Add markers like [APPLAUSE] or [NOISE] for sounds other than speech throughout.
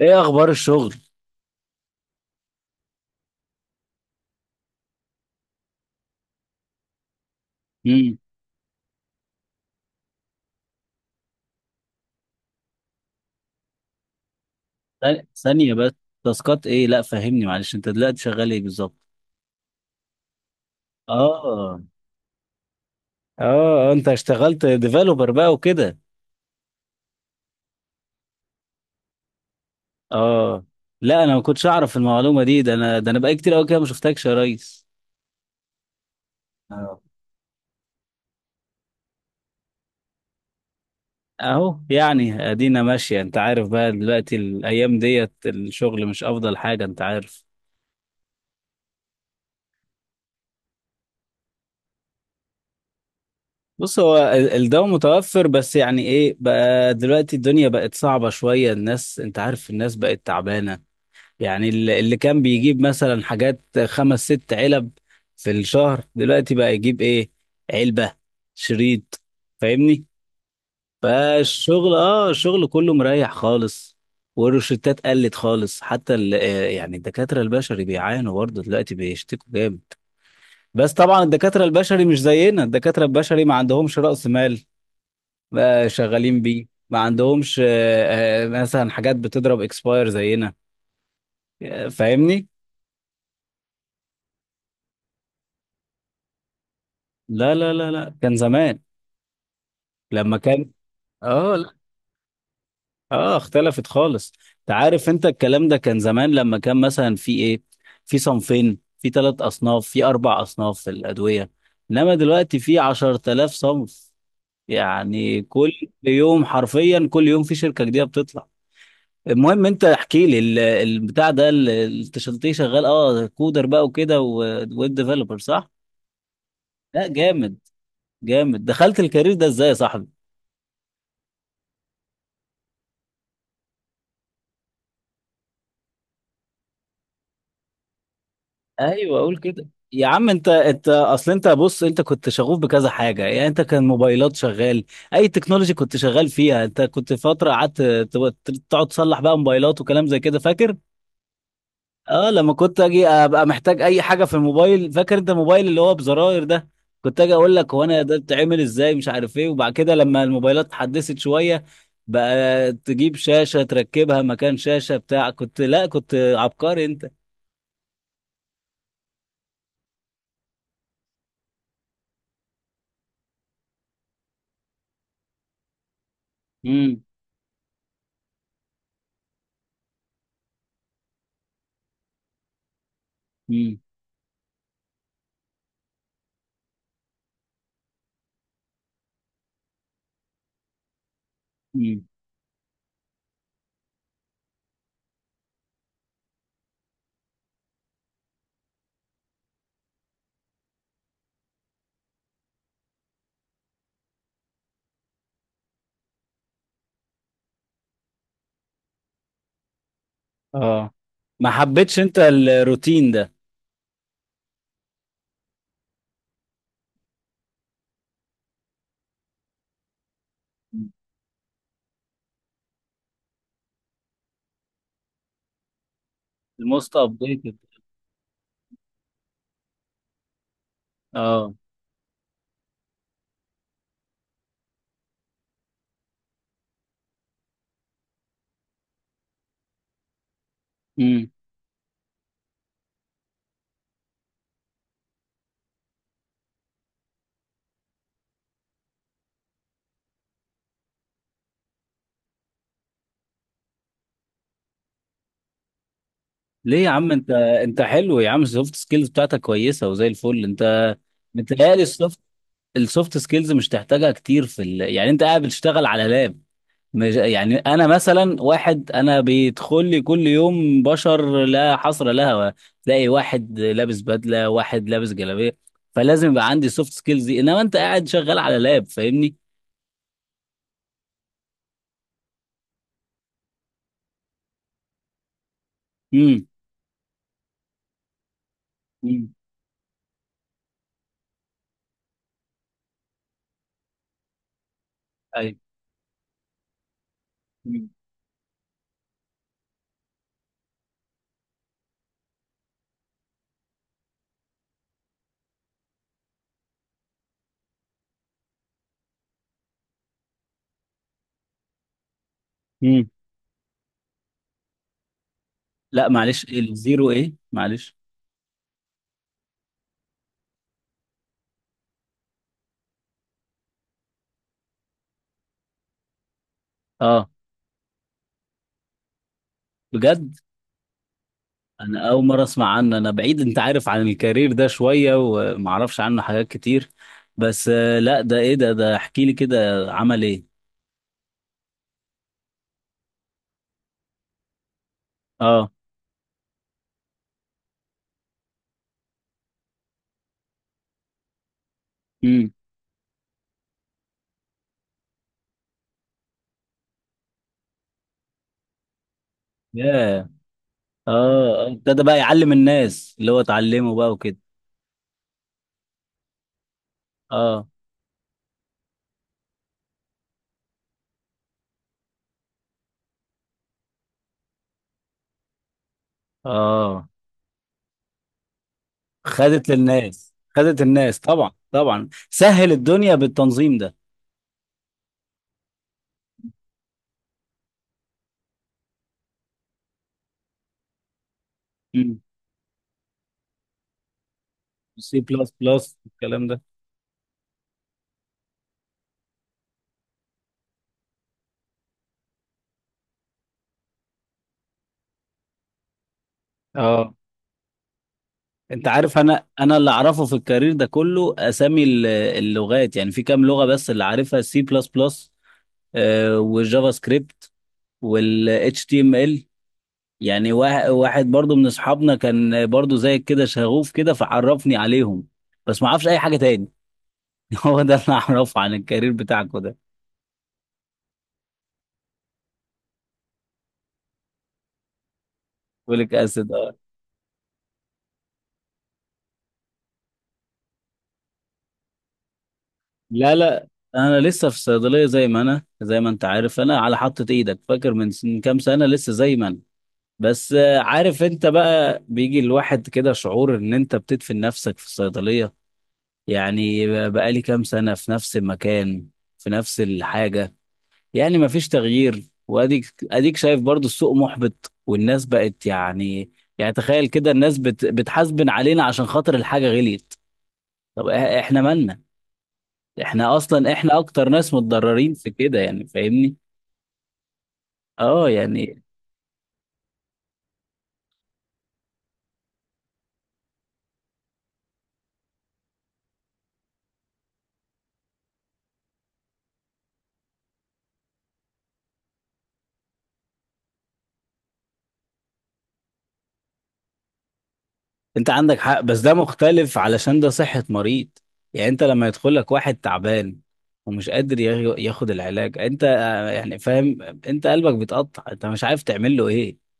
ايه اخبار الشغل؟ امم. ثانية ثانية بس. تاسكات ايه؟ لا، فهمني معلش، انت دلوقتي شغال ايه بالظبط؟ اه. اه، انت اشتغلت ديفلوبر بقى وكده. اه، لا انا ما كنتش اعرف المعلومة دي، ده انا بقى كتير قوي كده ما شفتكش يا ريس. آه. اهو، يعني ادينا ماشية، انت عارف بقى دلوقتي الايام ديت الشغل مش افضل حاجة انت عارف. بص، هو الدواء متوفر، بس يعني ايه بقى دلوقتي الدنيا بقت صعبة شوية، الناس انت عارف الناس بقت تعبانة. يعني اللي كان بيجيب مثلا حاجات خمس ست علب في الشهر دلوقتي بقى يجيب ايه؟ علبة، شريط، فاهمني؟ فالشغل اه الشغل كله مريح خالص. والروشتات قلت خالص، حتى يعني الدكاترة البشري بيعانوا برضه دلوقتي بيشتكوا جامد. بس طبعا الدكاترة البشري مش زينا، الدكاترة البشري ما عندهمش رأس مال بقى شغالين بيه، ما عندهمش مثلا حاجات بتضرب اكسباير زينا. فاهمني؟ لا لا لا لا، كان زمان لما كان. اه. لا، اه اختلفت خالص. انت عارف انت الكلام ده كان زمان لما كان مثلا في ايه، في صنفين، في ثلاث اصناف، في اربع اصناف في الادويه، انما دلوقتي في 10000 صنف. يعني كل يوم، حرفيا كل يوم في شركه جديده بتطلع. المهم انت احكي لي البتاع ده التشلتيه شغال، اه كودر بقى وكده ويب ديفلوبر صح؟ لا، جامد جامد. دخلت الكارير ده ازاي يا صاحبي؟ ايوه اقول كده، يا عم انت انت اصل انت، بص انت كنت شغوف بكذا حاجه، يعني انت كان موبايلات شغال، اي تكنولوجي كنت شغال فيها، انت كنت فتره قعدت تقعد تصلح بقى موبايلات وكلام زي كده فاكر؟ اه، لما كنت اجي ابقى محتاج اي حاجه في الموبايل، فاكر انت الموبايل اللي هو بزراير ده، كنت اجي اقول لك هو انا ده بتعمل ازاي مش عارف ايه، وبعد كده لما الموبايلات اتحدثت شويه بقى تجيب شاشه تركبها مكان شاشه بتاع، كنت لا كنت عبقري انت. امم. اه، ما حبيتش انت الروتين ده. الموست ابديتد. اه. امم. ليه يا عم انت انت حلو يا عم، السوفت سكيلز بتاعتك كويسه وزي الفل انت. متهيألي السوفت سكيلز مش تحتاجها كتير في يعني انت قاعد بتشتغل على لاب. مش... يعني انا مثلا واحد، انا بيدخل لي كل يوم بشر لا حصر لها، تلاقي واحد لابس بدله واحد لابس جلابيه، فلازم يبقى عندي سوفت سكيلز دي، انما انت قاعد شغال على لاب فاهمني؟ امم. امم. مم. مم. لا، معلش الزيرو ايه معلش؟ اه، بجد؟ انا اول مره اسمع عنه، انا بعيد انت عارف عن الكارير ده شويه وما اعرفش عنه حاجات كتير. بس لا ده ايه ده احكي لي كده، عمل ايه؟ اه. امم. ياه. اه، ابتدى بقى يعلم الناس اللي هو اتعلمه بقى وكده. اه. اه، خدت للناس خدت الناس، طبعا طبعا سهل الدنيا بالتنظيم ده. امم. سي بلس بلس الكلام ده. اه، انت عارف انا انا اللي اعرفه في الكارير ده كله اسامي اللغات، يعني في كام لغه، بس اللي عارفها سي بلس بلس والجافا سكريبت والاتش تي ام ال. يعني واحد برضو من اصحابنا كان برضو زي كده شغوف كده فعرفني عليهم، بس ما اعرفش اي حاجه تاني. [LAUGHS] هو ده اللي اعرفه عن الكارير بتاعكم ده. فوليك اسيد، اه. لا لا، انا لسه في الصيدليه زي ما انا زي ما انت عارف، انا على حطة ايدك فاكر من كام سنه لسه زي ما انا. بس عارف، انت بقى بيجي الواحد كده شعور ان انت بتدفن نفسك في الصيدلية. يعني بقالي كام سنة في نفس المكان، في نفس الحاجة، يعني مفيش تغيير، واديك اديك شايف برضو السوق محبط والناس بقت يعني، يعني تخيل كده الناس بتحاسبن علينا عشان خاطر الحاجة غليت. طب احنا مالنا؟ احنا اصلا احنا اكتر ناس متضررين في كده، يعني فاهمني؟ اه، يعني انت عندك حق، بس ده مختلف علشان ده صحة مريض. يعني انت لما يدخل لك واحد تعبان ومش قادر ياخد العلاج، انت يعني فاهم، انت قلبك بيتقطع، انت مش عارف تعمل له ايه،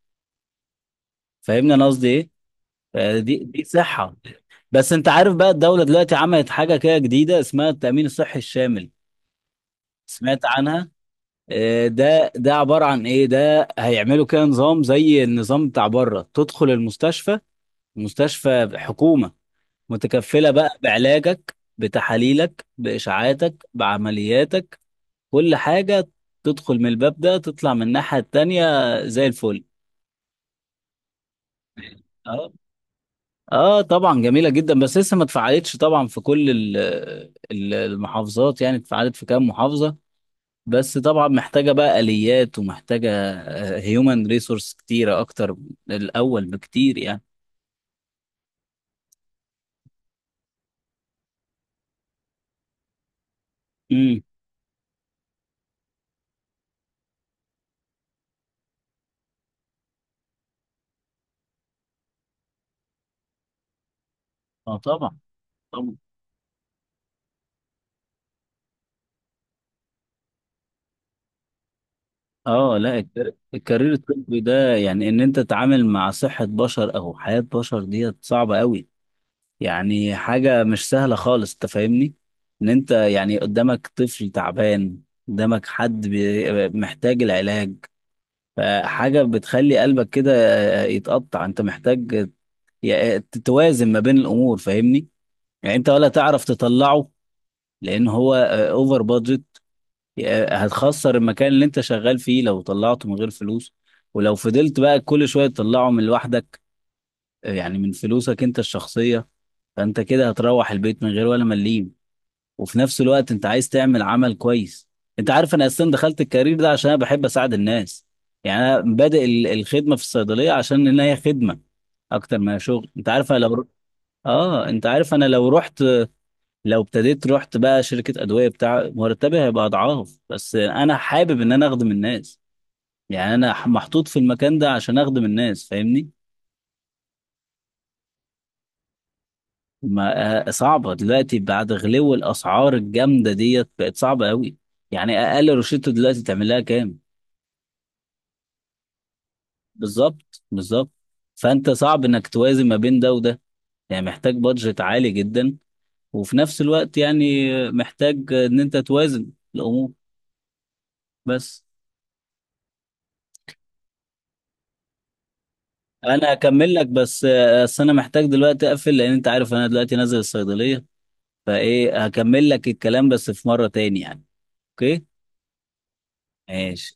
فاهمني انا قصدي ايه؟ فدي دي دي صحة. بس انت عارف بقى الدولة دلوقتي عملت حاجة كده جديدة اسمها التأمين الصحي الشامل، سمعت عنها؟ ده عبارة عن ايه؟ ده هيعملوا كده نظام زي النظام بتاع بره، تدخل المستشفى، مستشفى حكومة متكفلة بقى بعلاجك بتحاليلك بإشعاعاتك بعملياتك، كل حاجة. تدخل من الباب ده تطلع من الناحية التانية زي الفل. اه، اه طبعا جميلة جدا، بس لسه ما اتفعلتش طبعا في كل المحافظات، يعني اتفعلت في كام محافظة، بس طبعا محتاجة بقى آليات ومحتاجة هيومن ريسورس كتيرة أكتر من الأول بكتير يعني. امم. اه طبعا، طبعا. اه، لا الكارير الطبي ده يعني ان انت تتعامل مع صحة بشر او حياة بشر ديت صعبة قوي. يعني حاجة مش سهلة خالص انت فاهمني، ان انت يعني قدامك طفل تعبان، قدامك حد محتاج العلاج، فحاجة بتخلي قلبك كده يتقطع، انت محتاج تتوازن ما بين الامور فاهمني؟ يعني انت ولا تعرف تطلعه لان هو اوفر بادجت، هتخسر المكان اللي انت شغال فيه لو طلعته من غير فلوس، ولو فضلت بقى كل شوية تطلعه من لوحدك، يعني من فلوسك انت الشخصية، فانت كده هتروح البيت من غير ولا مليم، وفي نفس الوقت انت عايز تعمل عمل كويس. انت عارف انا اصلا دخلت الكارير ده عشان انا بحب اساعد الناس، يعني انا بادئ الخدمة في الصيدلية عشان ان هي خدمة اكتر ما هي شغل، انت عارف انا لو رحت، لو ابتديت رحت بقى شركة أدوية، بتاع مرتبي هيبقى أضعاف، بس أنا حابب إن أنا أخدم الناس، يعني أنا محطوط في المكان ده عشان أخدم الناس فاهمني؟ ما صعبة دلوقتي بعد غلو الأسعار الجامدة ديت بقت صعبة أوي، يعني أقل روشته دلوقتي تعمل لها كام؟ بالظبط، بالظبط. فأنت صعب إنك توازن ما بين ده وده، يعني محتاج بادجت عالي جدا، وفي نفس الوقت يعني محتاج إن أنت توازن الأمور بس. انا هكمل لك، بس بس انا محتاج دلوقتي اقفل لان انت عارف انا دلوقتي نازل الصيدلية، فايه هكمل لك الكلام بس في مرة تاني يعني. اوكي. ماشي.